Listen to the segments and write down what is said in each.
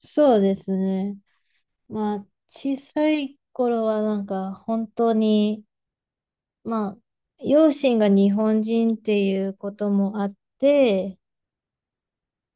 そうですね。小さい頃は本当に、まあ、両親が日本人っていうこともあって、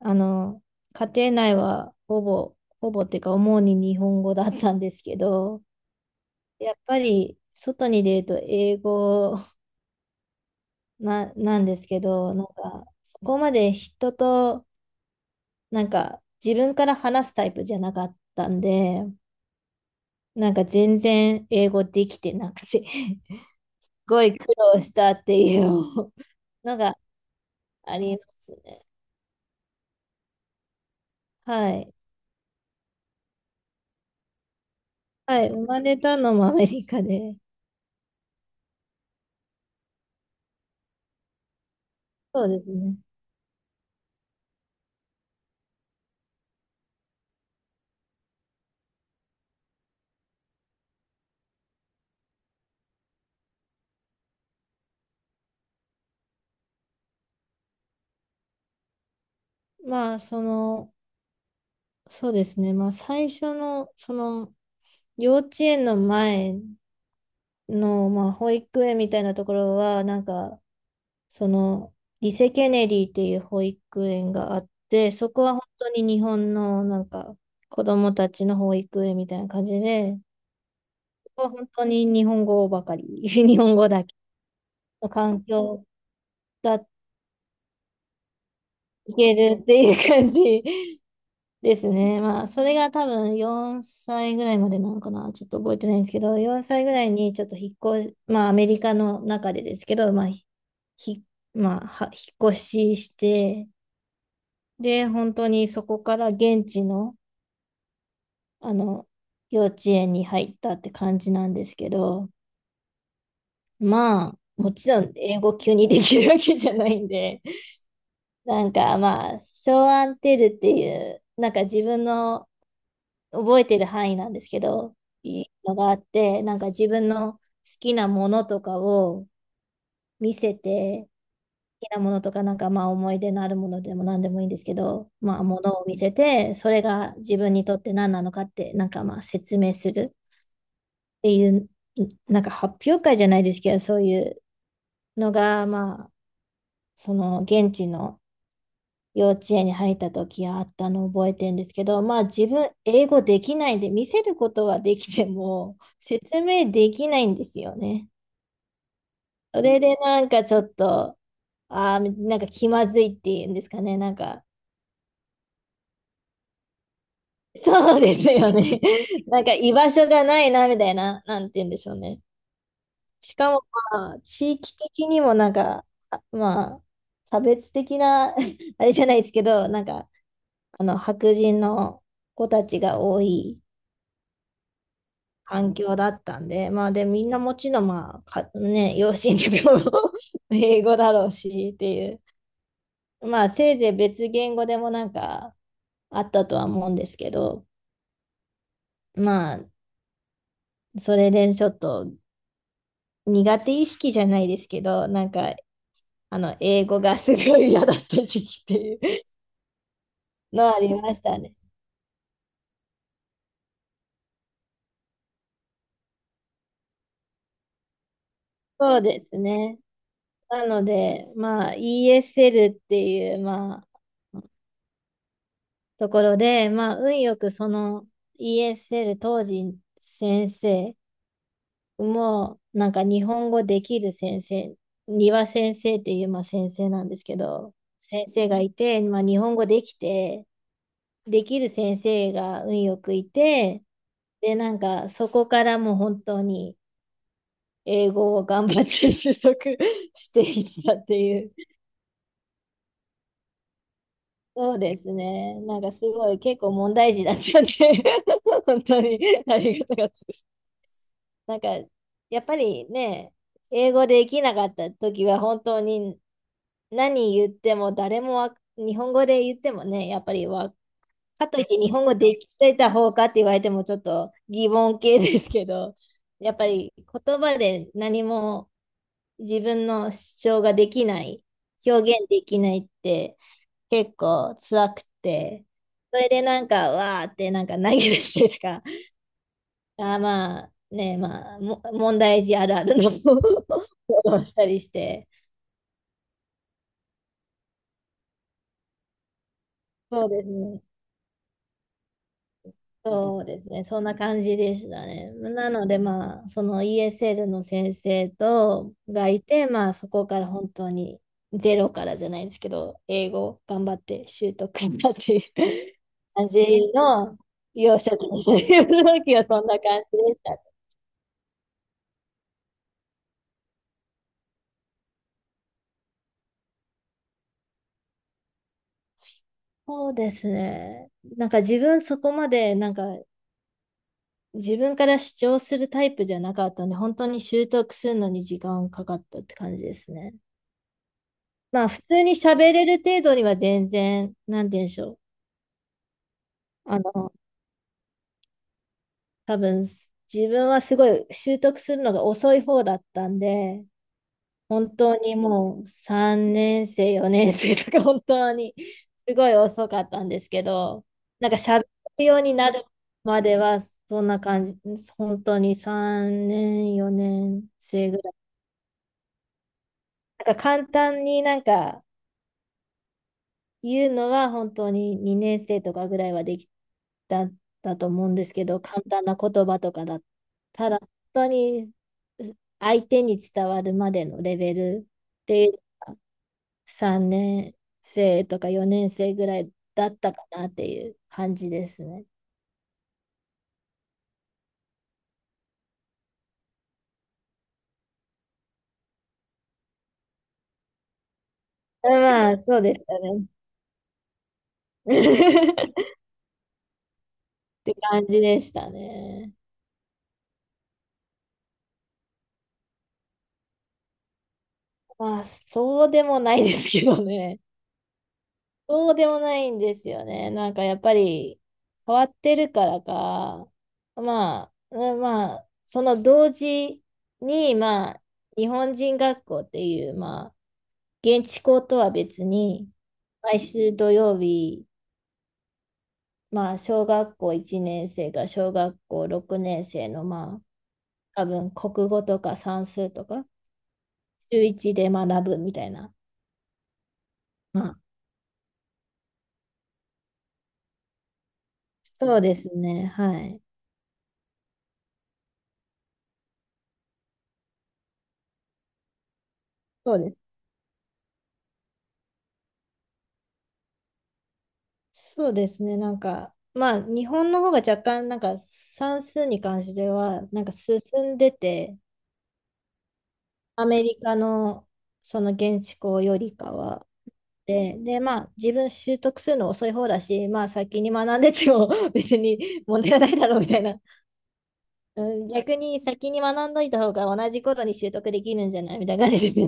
あの、家庭内はほぼ、ほぼっていうか、主に日本語だったんですけど、やっぱり外に出ると英語なんですけど、そこまで人と、自分から話すタイプじゃなかったんで、全然英語できてなくてごい苦労したっていうのが ありますね。はい。はい。生まれたのもアメリカで。そうですね。まあ、その、そうですね。最初の、幼稚園の前の、保育園みたいなところは、その、リセ・ケネディっていう保育園があって、そこは本当に日本の、子供たちの保育園みたいな感じで、ここは本当に日本語ばかり、日本語だけの環境がいけるっていう感じですね。まあ、それが多分4歳ぐらいまでなのかな。ちょっと覚えてないんですけど、4歳ぐらいにちょっと引っ越し、まあ、アメリカの中でですけど、ひ、まあ、引っ越しして、で、本当にそこから現地の、あの、幼稚園に入ったって感じなんですけど、まあ、もちろん英語急にできるわけじゃないんで、ショーアンテルっていう、なんか自分の覚えてる範囲なんですけど、いいのがあって、なんか自分の好きなものとかを見せて、好きなものとか、なんかまあ思い出のあるものでも何でもいいんですけど、まあものを見せて、それが自分にとって何なのかって、なんかまあ説明するっていう、なんか発表会じゃないですけど、そういうのがまあ、その現地の幼稚園に入った時あったのを覚えてるんですけど、まあ自分英語できないんで見せることはできても 説明できないんですよね。それでなんかちょっと、ああ、なんか気まずいっていうんですかね。そうですよね。なんか居場所がないなみたいな、なんて言うんでしょうね。しかもまあ地域的にもまあ差別的な あれじゃないですけど、あの白人の子たちが多い環境だったんで、みんなもちろん、養子にも 英語だろうしっていう、まあ、せいぜい別言語でもなんかあったとは思うんですけど、まあ、それでちょっと苦手意識じゃないですけど、英語がすごい嫌だった時期っていうのはありましたね。そうですね。なので、ESL っていう、ところで、まあ、運よくその ESL 当時先生も、なんか日本語できる先生、庭先生っていう、先生なんですけど、先生がいて、まあ、日本語できて、できる先生が運よくいて、で、なんかそこからもう本当に英語を頑張って習得 していったっていう。そうですね。なんかすごい結構問題児だったんで 本当にありがたかったです。なんか、やっぱりね、英語できなかった時は本当に何言っても誰もわ日本語で言ってもね、やっぱりわ、かといって日本語できてた方かって言われてもちょっと疑問系ですけど、やっぱり言葉で何も自分の主張ができない、表現できないって結構辛くて、それでなんかわーってなんか投げ出してとか、あーまあね、まあ、 問題児あるあるの 行動を したりして、そうですね、そうですね、そんな感じでしたね。なので、まあ、その ESL の先生とがいて、まあ、そこから本当にゼロからじゃないですけど、英語を頑張って習得したっていう 感じの幼少期でしたね。幼少期はそんな感じでした。そうですね。自分そこまでなんか自分から主張するタイプじゃなかったんで、本当に習得するのに時間かかったって感じですね。まあ、普通に喋れる程度には全然、なんて言うんでしょう。あの、多分、自分はすごい習得するのが遅い方だったんで、本当にもう3年生、4年生 とか本当にすごい遅かったんですけど、なんか喋るようになるまではそんな感じ、本当に3年、4年生ぐらい。なんか簡単になんか言うのは本当に2年生とかぐらいはできたんだと思うんですけど、簡単な言葉とかだ。ただ本当に相手に伝わるまでのレベルって3年生とか4年生ぐらいだったかなっていう感じですね。まあ、そうですよね。って感じでしたね。まあ、そうでもないですけどね。そうでもないんですよね。なんかやっぱり変わってるからか、まあ、その同時に、まあ、日本人学校っていう、まあ、現地校とは別に、毎週土曜日、まあ、小学校1年生が小学校6年生の、まあ、多分国語とか算数とか、週一で学ぶみたいな。まあ、そうですね。はい。そうですそうですね。日本の方が若干、算数に関しては、なんか進んでて、アメリカのその現地校よりかは。で、まあ、自分習得するの遅い方だし、まあ、先に学んでても 別に問題はないだろうみたいな。うん、逆に先に学んどいた方が同じ頃に習得できるんじゃないみたいな感じで。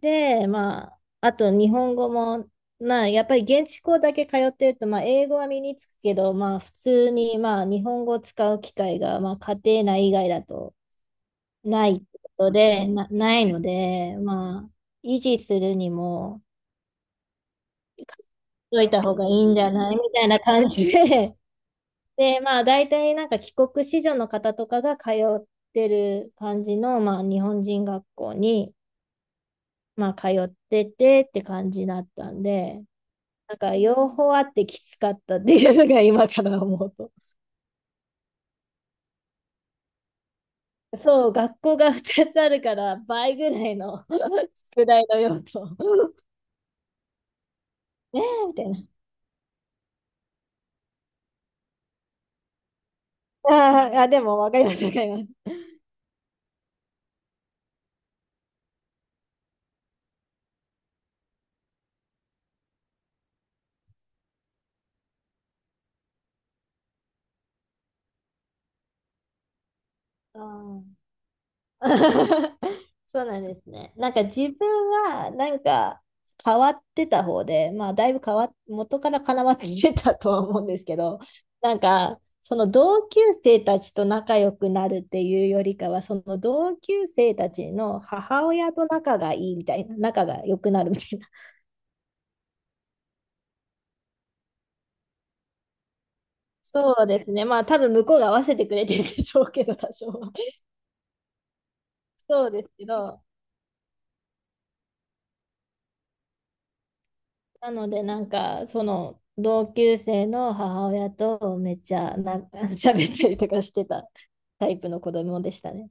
まあ、あと日本語も、まあ、やっぱり現地校だけ通ってると、まあ、英語は身につくけど、まあ、普通に、まあ、日本語を使う機会が、まあ、家庭内以外だとないこないので、まあ、維持するにも、書いた方がいいんじゃないみたいな感じで、で、まあ、大体なんか帰国子女の方とかが通ってる感じの、まあ、日本人学校に、まあ、通っててって感じだったんで、なんか両方あってきつかったっていうのが今から思うと。そう、学校が2つあるから倍ぐらいの 宿題の用途。ねえ、みたいな。あーあ、でもわかります、わかります。あー そうなんですね。自分はなんか変わってた方で、まあだいぶ変わっ、元からかなわってたとは思うんですけど、なんかその同級生たちと仲良くなるっていうよりかは、その同級生たちの母親と仲がいいみたいな、仲が良くなるみたいな。そうですね。まあ多分向こうが合わせてくれてるんでしょうけど、多少は。そうですけど、なので、なんか、その、同級生の母親とめっちゃ喋ったりとかしてたタイプの子供でしたね。